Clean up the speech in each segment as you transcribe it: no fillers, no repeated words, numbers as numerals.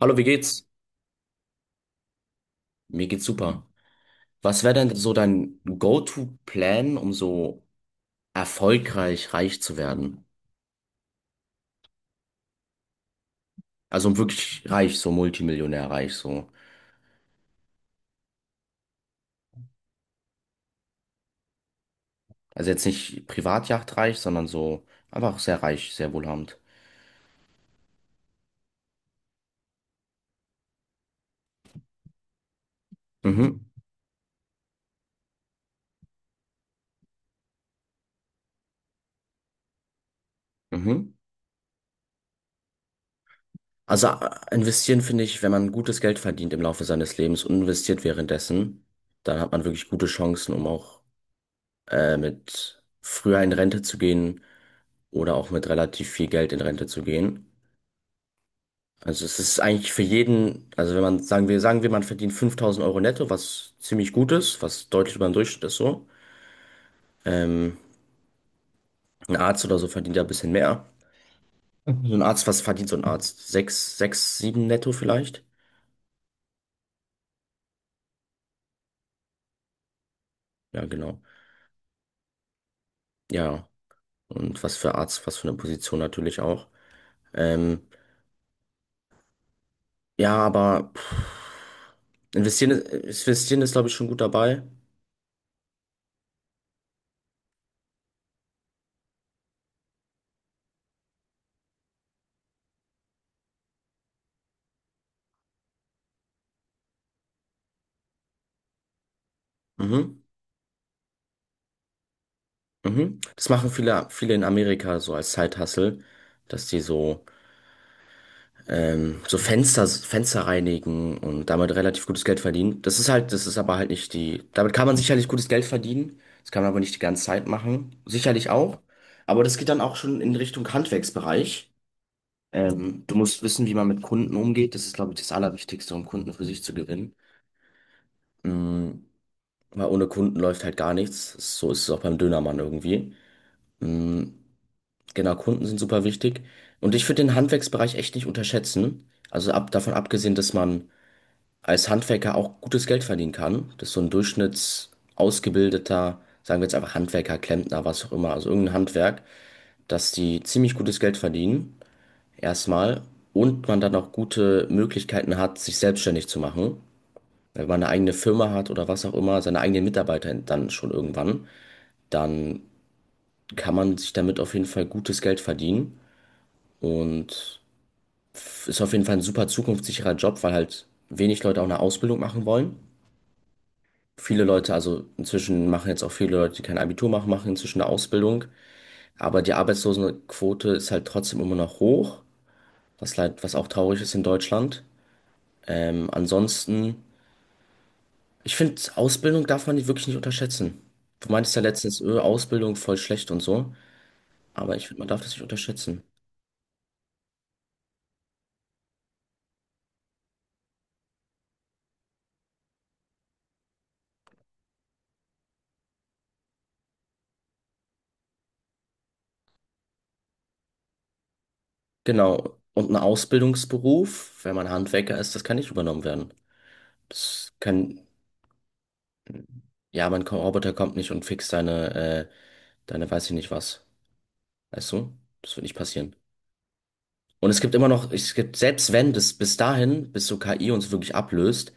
Hallo, wie geht's? Mir geht's super. Was wäre denn so dein Go-to-Plan, um so erfolgreich reich zu werden? Also um wirklich reich, so Multimillionär reich, so. Also jetzt nicht Privatjacht reich, sondern so einfach sehr reich, sehr wohlhabend. Mhm. Mhm. Also investieren finde ich, wenn man gutes Geld verdient im Laufe seines Lebens und investiert währenddessen, dann hat man wirklich gute Chancen, um auch mit früher in Rente zu gehen oder auch mit relativ viel Geld in Rente zu gehen. Also es ist eigentlich für jeden, also wenn man, sagen wir, man verdient 5.000 Euro netto, was ziemlich gut ist, was deutlich über den Durchschnitt ist so. Ähm, ein Arzt oder so verdient ja ein bisschen mehr. So ein Arzt, was verdient so ein Arzt? Sechs, sechs, sieben netto vielleicht? Ja, genau. Ja, und was für Arzt, was für eine Position natürlich auch. Ähm, ja, aber pff, investieren ist, glaube ich, schon gut dabei. Mhm, mhm. Das machen viele, viele in Amerika so als Side-Hustle, dass die so so Fenster reinigen und damit relativ gutes Geld verdienen. Das ist halt, das ist aber halt nicht die, damit kann man sicherlich gutes Geld verdienen. Das kann man aber nicht die ganze Zeit machen. Sicherlich auch. Aber das geht dann auch schon in Richtung Handwerksbereich. Du musst wissen, wie man mit Kunden umgeht. Das ist, glaube ich, das Allerwichtigste, um Kunden für sich zu gewinnen. Mhm. Weil ohne Kunden läuft halt gar nichts. So ist es auch beim Dönermann irgendwie. Mhm. Genau, Kunden sind super wichtig. Und ich würde den Handwerksbereich echt nicht unterschätzen. Also davon abgesehen, dass man als Handwerker auch gutes Geld verdienen kann. Das ist so ein durchschnittsausgebildeter, sagen wir jetzt einfach Handwerker, Klempner, was auch immer, also irgendein Handwerk, dass die ziemlich gutes Geld verdienen, erstmal, und man dann auch gute Möglichkeiten hat, sich selbstständig zu machen. Wenn man eine eigene Firma hat oder was auch immer, seine eigenen Mitarbeiter dann schon irgendwann, dann kann man sich damit auf jeden Fall gutes Geld verdienen und ist auf jeden Fall ein super zukunftssicherer Job, weil halt wenig Leute auch eine Ausbildung machen wollen. Viele Leute, also inzwischen machen jetzt auch viele Leute, die kein Abitur machen, machen inzwischen eine Ausbildung. Aber die Arbeitslosenquote ist halt trotzdem immer noch hoch, was leid, was auch traurig ist in Deutschland. Ansonsten, ich finde, Ausbildung darf man nicht, wirklich nicht unterschätzen. Du meintest ja letztens, Ausbildung voll schlecht und so. Aber ich finde, man darf das nicht unterschätzen. Genau. Und ein Ausbildungsberuf, wenn man Handwerker ist, das kann nicht übernommen werden. Das kann, ja, mein Roboter kommt nicht und fixt deine, deine, weiß ich nicht was. Weißt du? Das wird nicht passieren. Und es gibt immer noch, es gibt, selbst wenn das bis dahin, bis so KI uns wirklich ablöst,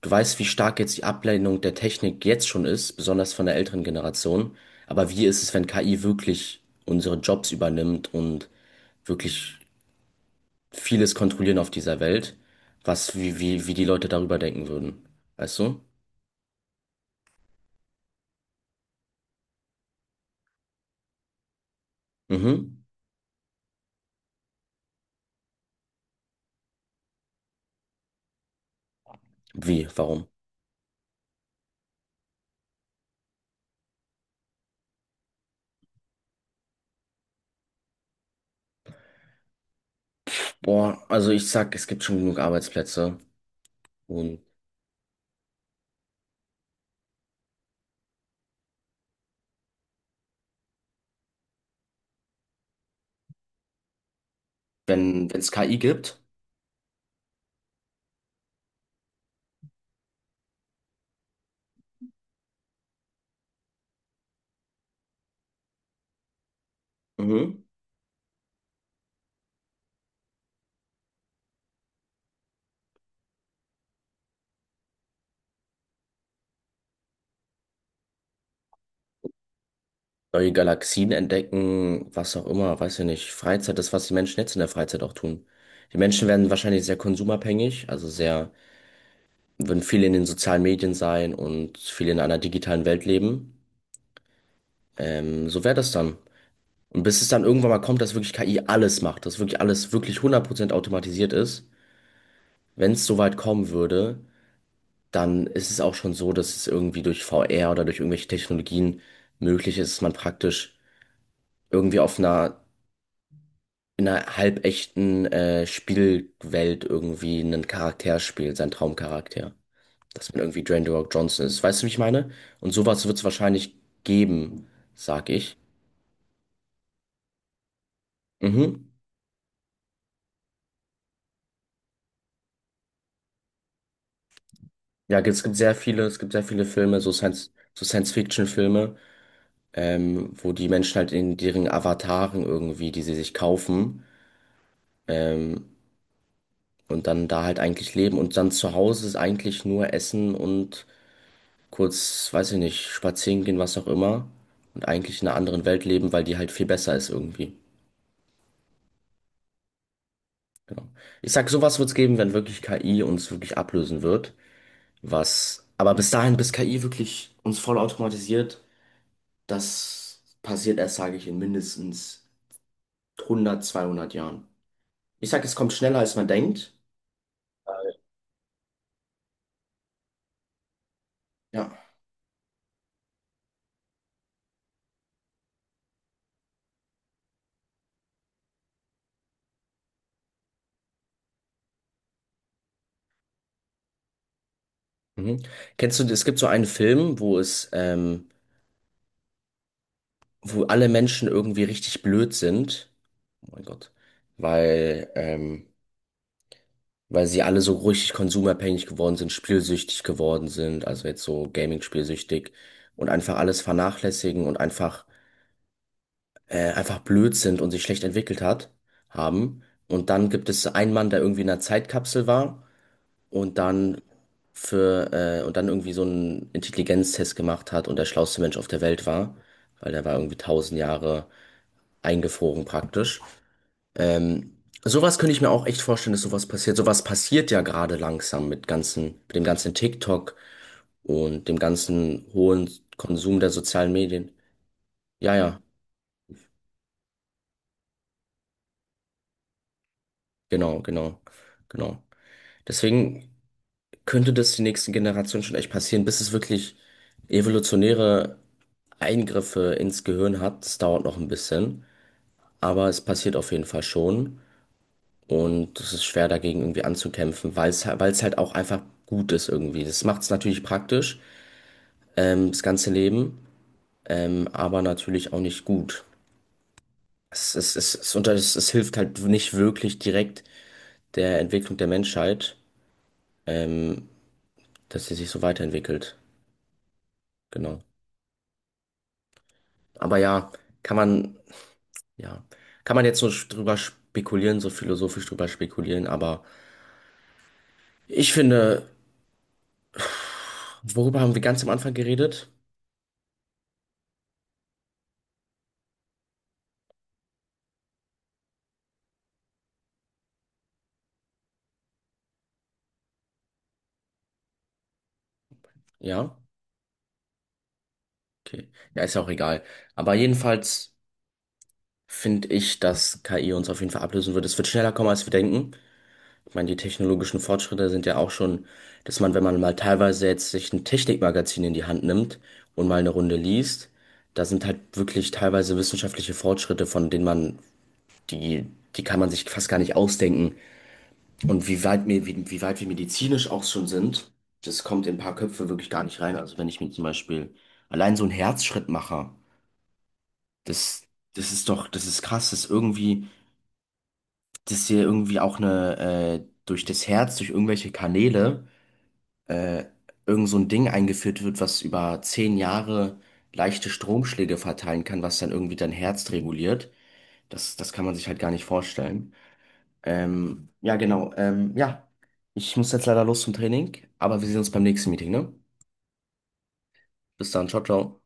du weißt, wie stark jetzt die Ablehnung der Technik jetzt schon ist, besonders von der älteren Generation. Aber wie ist es, wenn KI wirklich unsere Jobs übernimmt und wirklich vieles kontrollieren auf dieser Welt, wie die Leute darüber denken würden? Weißt du? Mhm. Wie? Warum? Boah, also ich sag, es gibt schon genug Arbeitsplätze. Und wenn es KI gibt, mhm. Neue Galaxien entdecken, was auch immer, weiß ja nicht. Freizeit, das, was die Menschen jetzt in der Freizeit auch tun. Die Menschen werden wahrscheinlich sehr konsumabhängig, also sehr, würden viel in den sozialen Medien sein und viel in einer digitalen Welt leben. So wäre das dann. Und bis es dann irgendwann mal kommt, dass wirklich KI alles macht, dass wirklich alles wirklich 100% automatisiert ist, wenn es so weit kommen würde, dann ist es auch schon so, dass es irgendwie durch VR oder durch irgendwelche Technologien möglich ist, dass man praktisch irgendwie auf einer in einer halbechten Spielwelt irgendwie einen Charakter spielt, seinen Traumcharakter. Dass man irgendwie Dwayne The Rock Johnson ist. Weißt du, wie ich meine? Und sowas wird es wahrscheinlich geben, sag ich. Mhm. Ja, es gibt sehr viele, es gibt sehr viele Filme, so Science-Fiction-Filme, wo die Menschen halt in deren Avataren irgendwie, die sie sich kaufen, ähm, und dann da halt eigentlich leben. Und dann zu Hause ist eigentlich nur Essen und kurz, weiß ich nicht, spazieren gehen, was auch immer. Und eigentlich in einer anderen Welt leben, weil die halt viel besser ist irgendwie. Genau. Ich sag, sowas wird's geben, wenn wirklich KI uns wirklich ablösen wird. Was, aber bis dahin, bis KI wirklich uns voll automatisiert, das passiert erst, sage ich, in mindestens 100, 200 Jahren. Ich sag, es kommt schneller, als man denkt. Ja. Mhm. Kennst du, es gibt so einen Film, wo alle Menschen irgendwie richtig blöd sind. Oh mein Gott. Weil, ähm, weil sie alle so richtig konsumabhängig geworden sind, spielsüchtig geworden sind, also jetzt so Gaming-spielsüchtig und einfach alles vernachlässigen und einfach blöd sind und sich schlecht entwickelt hat, haben. Und dann gibt es einen Mann, der irgendwie in einer Zeitkapsel war und dann und dann irgendwie so einen Intelligenztest gemacht hat und der schlauste Mensch auf der Welt war, weil der war irgendwie 1.000 Jahre eingefroren praktisch. Ähm, Sowas könnte ich mir auch echt vorstellen, dass sowas passiert. Sowas passiert ja gerade langsam mit ganzen, mit dem ganzen TikTok und dem ganzen hohen Konsum der sozialen Medien. Ja, ja, genau, genau, genau. Deswegen könnte das die nächsten Generationen schon echt passieren, bis es wirklich evolutionäre Eingriffe ins Gehirn hat. Das dauert noch ein bisschen, aber es passiert auf jeden Fall schon. Und es ist schwer dagegen irgendwie anzukämpfen, weil es halt auch einfach gut ist irgendwie. Das macht es natürlich praktisch, das ganze Leben, aber natürlich auch nicht gut. Es hilft halt nicht wirklich direkt der Entwicklung der Menschheit, ähm, dass sie sich so weiterentwickelt. Genau. Aber kann man, ja, kann man jetzt so drüber spekulieren, so philosophisch drüber spekulieren, aber ich finde, worüber haben wir ganz am Anfang geredet? Ja, okay. Ja, ist ja auch egal. Aber jedenfalls finde ich, dass KI uns auf jeden Fall ablösen wird. Es wird schneller kommen, als wir denken. Ich meine, die technologischen Fortschritte sind ja auch schon, dass man, wenn man mal teilweise jetzt sich ein Technikmagazin in die Hand nimmt und mal eine Runde liest, da sind halt wirklich teilweise wissenschaftliche Fortschritte, von denen man, die, die kann man sich fast gar nicht ausdenken. Und wie weit wir medizinisch auch schon sind, das kommt in ein paar Köpfe wirklich gar nicht rein. Also wenn ich mir zum Beispiel allein so einen Herzschrittmacher, das, das ist krass, dass irgendwie, dass hier irgendwie auch durch das Herz, durch irgendwelche Kanäle, äh, irgend so ein Ding eingeführt wird, was über 10 Jahre leichte Stromschläge verteilen kann, was dann irgendwie dein Herz reguliert. Das, das kann man sich halt gar nicht vorstellen. Ja, genau. Ja, ich muss jetzt leider los zum Training, aber wir sehen uns beim nächsten Meeting, ne? Bis dann, ciao, ciao.